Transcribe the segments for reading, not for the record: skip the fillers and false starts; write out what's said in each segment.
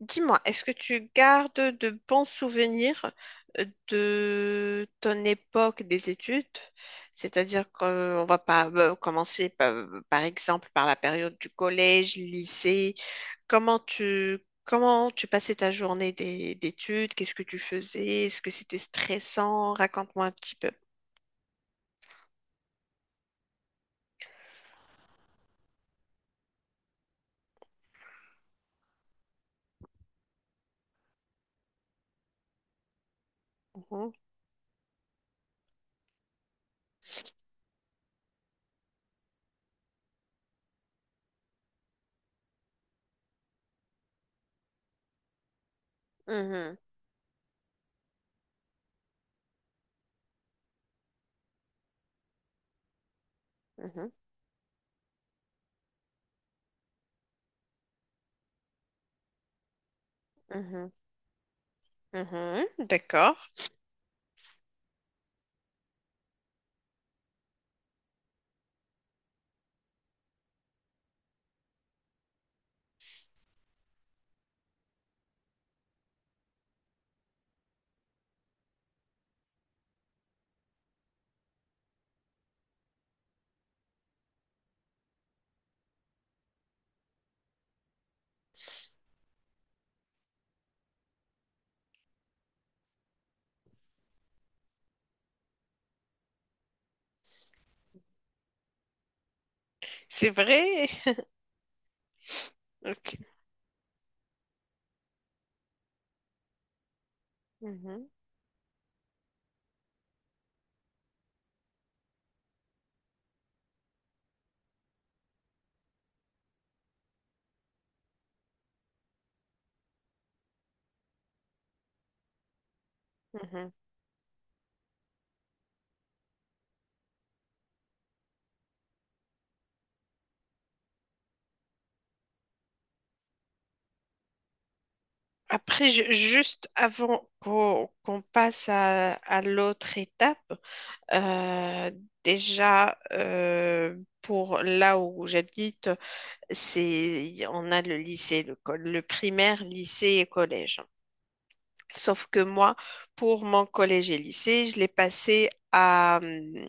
Dis-moi, est-ce que tu gardes de bons souvenirs de ton époque des études? C'est-à-dire qu'on va pas commencer par exemple par la période du collège, lycée. Comment tu passais ta journée d'études? Qu'est-ce que tu faisais? Est-ce que c'était stressant? Raconte-moi un petit peu. Mhm, mhm, mhm, mhm, mhm. D'accord. C'est vrai. Ok. Mhm, mhm. Après, juste avant qu'on passe à l'autre étape, euh, déjà pour là où j'habite, c'est on a le lycée, le primaire, lycée et collège. Sauf que moi, pour mon collège et lycée, je l'ai passé à,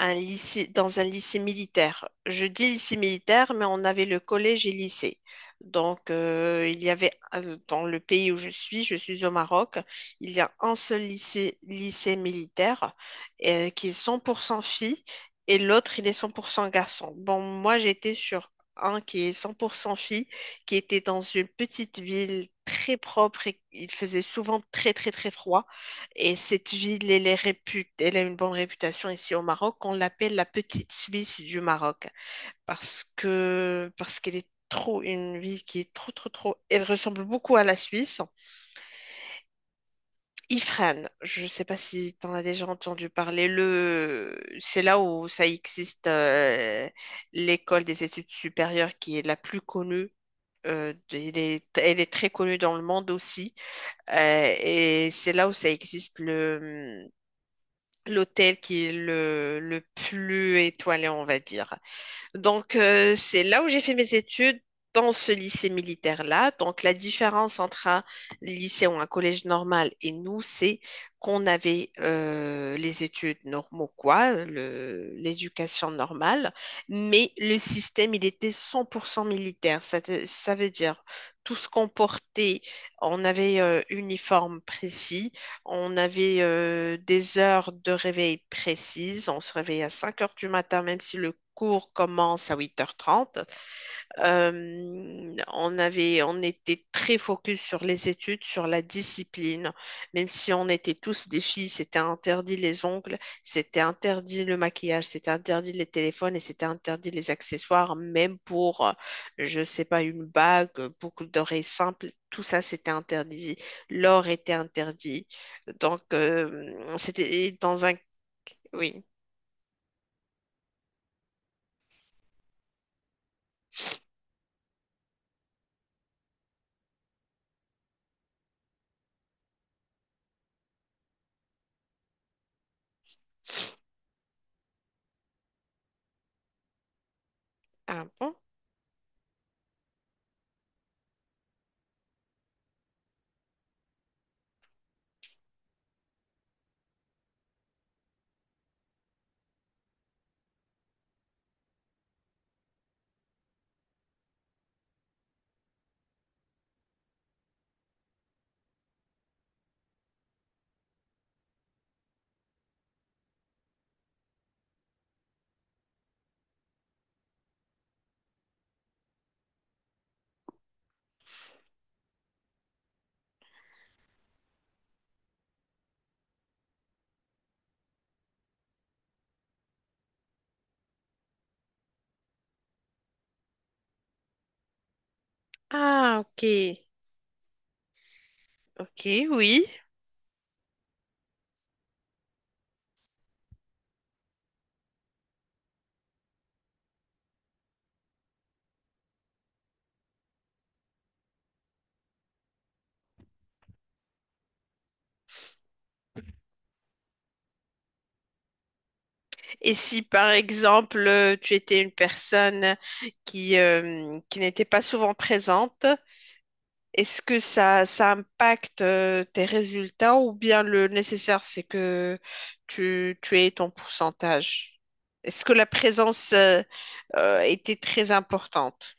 un lycée, dans un lycée militaire. Je dis lycée militaire, mais on avait le collège et lycée. Donc, il y avait, dans le pays où je suis au Maroc, il y a un seul lycée, lycée militaire qui est 100% filles et l'autre, il est 100% garçons. Bon, moi, j'étais sur un qui est 100% filles, qui était dans une petite ville très propre et il faisait souvent très, très, très froid. Et cette ville, elle a une bonne réputation ici au Maroc. On l'appelle la petite Suisse du Maroc parce qu'elle est trop une ville qui est trop trop trop. Elle ressemble beaucoup à la Suisse. Ifrane, je ne sais pas si tu en as déjà entendu parler. C'est là où ça existe l'école des études supérieures qui est la plus connue. Elle est très connue dans le monde aussi. Et c'est là où ça existe le l'hôtel qui est le plus étoilé, on va dire. Donc, c'est là où j'ai fait mes études, dans ce lycée militaire-là. Donc, la différence entre un lycée ou un collège normal et nous, c'est qu'on avait les études normaux, quoi, l'éducation normale, mais le système, il était 100% militaire. Ça veut dire tout ce qu'on portait, on avait uniforme précis. On avait des heures de réveil précises. On se réveillait à 5 heures du matin, même si le cours commence à 8h30. On était très focus sur les études, sur la discipline. Même si on était tous des filles, c'était interdit les ongles, c'était interdit le maquillage, c'était interdit les téléphones et c'était interdit les accessoires, même pour, je sais pas, une bague, boucle d'oreille simple. Tout ça, c'était interdit. L'or était interdit. Donc, c'était dans un... Oui. Ah bon? Ah, ok. Ok, oui. Et si par exemple tu étais une personne qui n'était pas souvent présente, est-ce que ça impacte tes résultats ou bien le nécessaire c'est que tu aies ton pourcentage? Est-ce que la présence était très importante?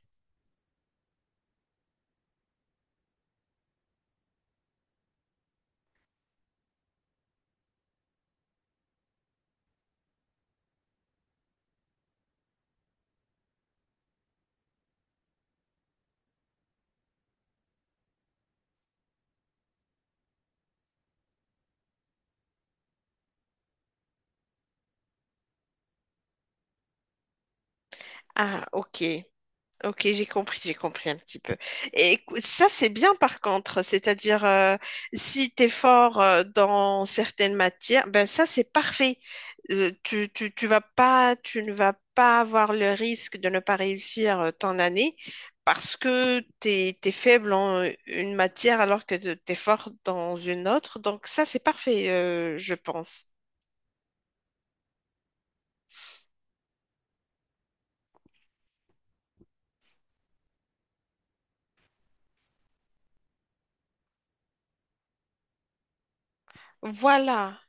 Ah, ok. Ok, j'ai compris un petit peu. Et ça, c'est bien par contre. C'est-à-dire, si tu es fort dans certaines matières, ben ça, c'est parfait. Tu vas pas, tu ne vas pas avoir le risque de ne pas réussir ton année parce que tu es, faible en une matière alors que tu es fort dans une autre. Donc ça, c'est parfait, je pense. Voilà.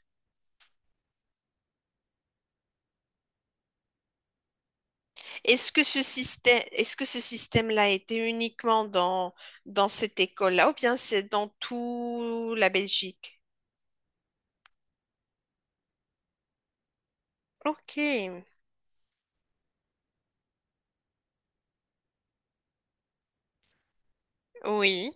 Est-ce que ce système-là était uniquement dans cette école-là ou bien c'est dans tout la Belgique? Ok, oui,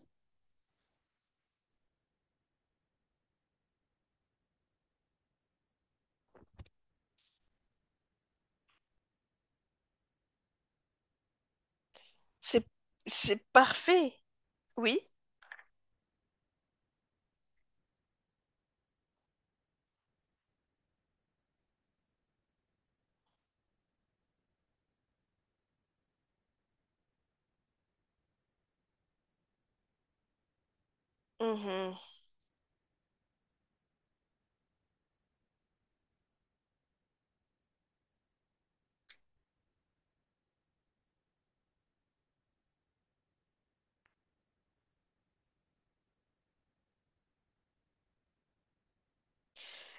c'est, c'est parfait. Oui. Mhm.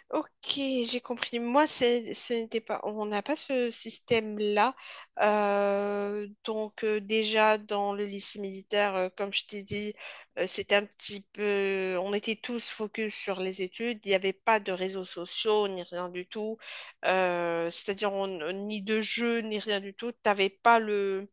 Ok, j'ai compris. Moi, ce n'était pas, on n'a pas ce système-là. Donc, déjà, dans le lycée militaire, comme je t'ai dit, c'était un petit peu, on était tous focus sur les études. Il n'y avait pas de réseaux sociaux, ni rien du tout. C'est-à-dire, ni de jeux, ni rien du tout. T'avais pas le,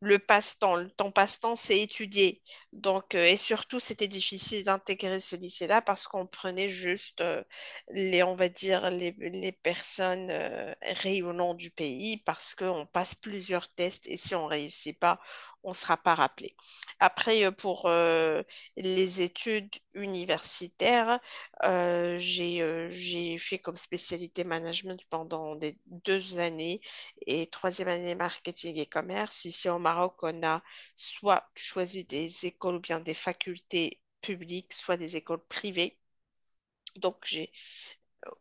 le passe-temps. Ton passe-temps, c'est étudier. Donc, et surtout, c'était difficile d'intégrer ce lycée-là parce qu'on prenait juste les, on va dire, les personnes rayonnant du pays parce qu'on passe plusieurs tests et si on réussit pas, on sera pas rappelé. Après, pour les études universitaires, j'ai fait comme spécialité management pendant des 2 années et troisième année marketing et commerce. Ici au Maroc, on a soit tu choisis des écoles ou bien des facultés publiques, soit des écoles privées. Donc j'ai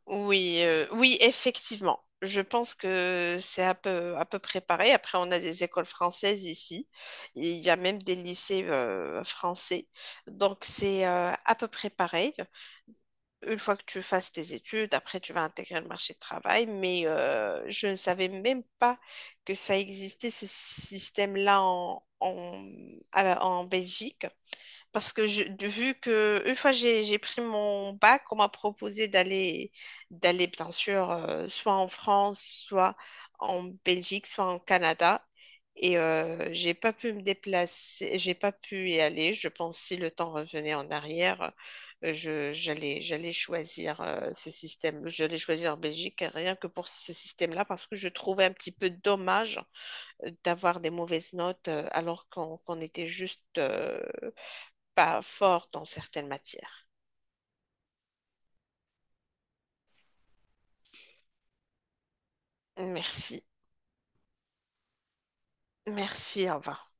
oui, oui, effectivement. Je pense que c'est à peu préparé. Après, on a des écoles françaises ici. Il y a même des lycées français. Donc, c'est à peu près pareil une fois que tu fasses tes études, après tu vas intégrer le marché du travail, mais je ne savais même pas que ça existait ce système-là en Belgique. Parce que vu que une fois j'ai pris mon bac, on m'a proposé d'aller bien sûr soit en France, soit en Belgique, soit en Canada. Et j'ai pas pu me déplacer, j'ai pas pu y aller. Je pense si le temps revenait en arrière, je j'allais j'allais choisir ce système. J'allais choisir Belgique rien que pour ce système-là parce que je trouvais un petit peu dommage d'avoir des mauvaises notes alors qu'on était juste pas fort dans certaines matières. Merci. Merci, au revoir.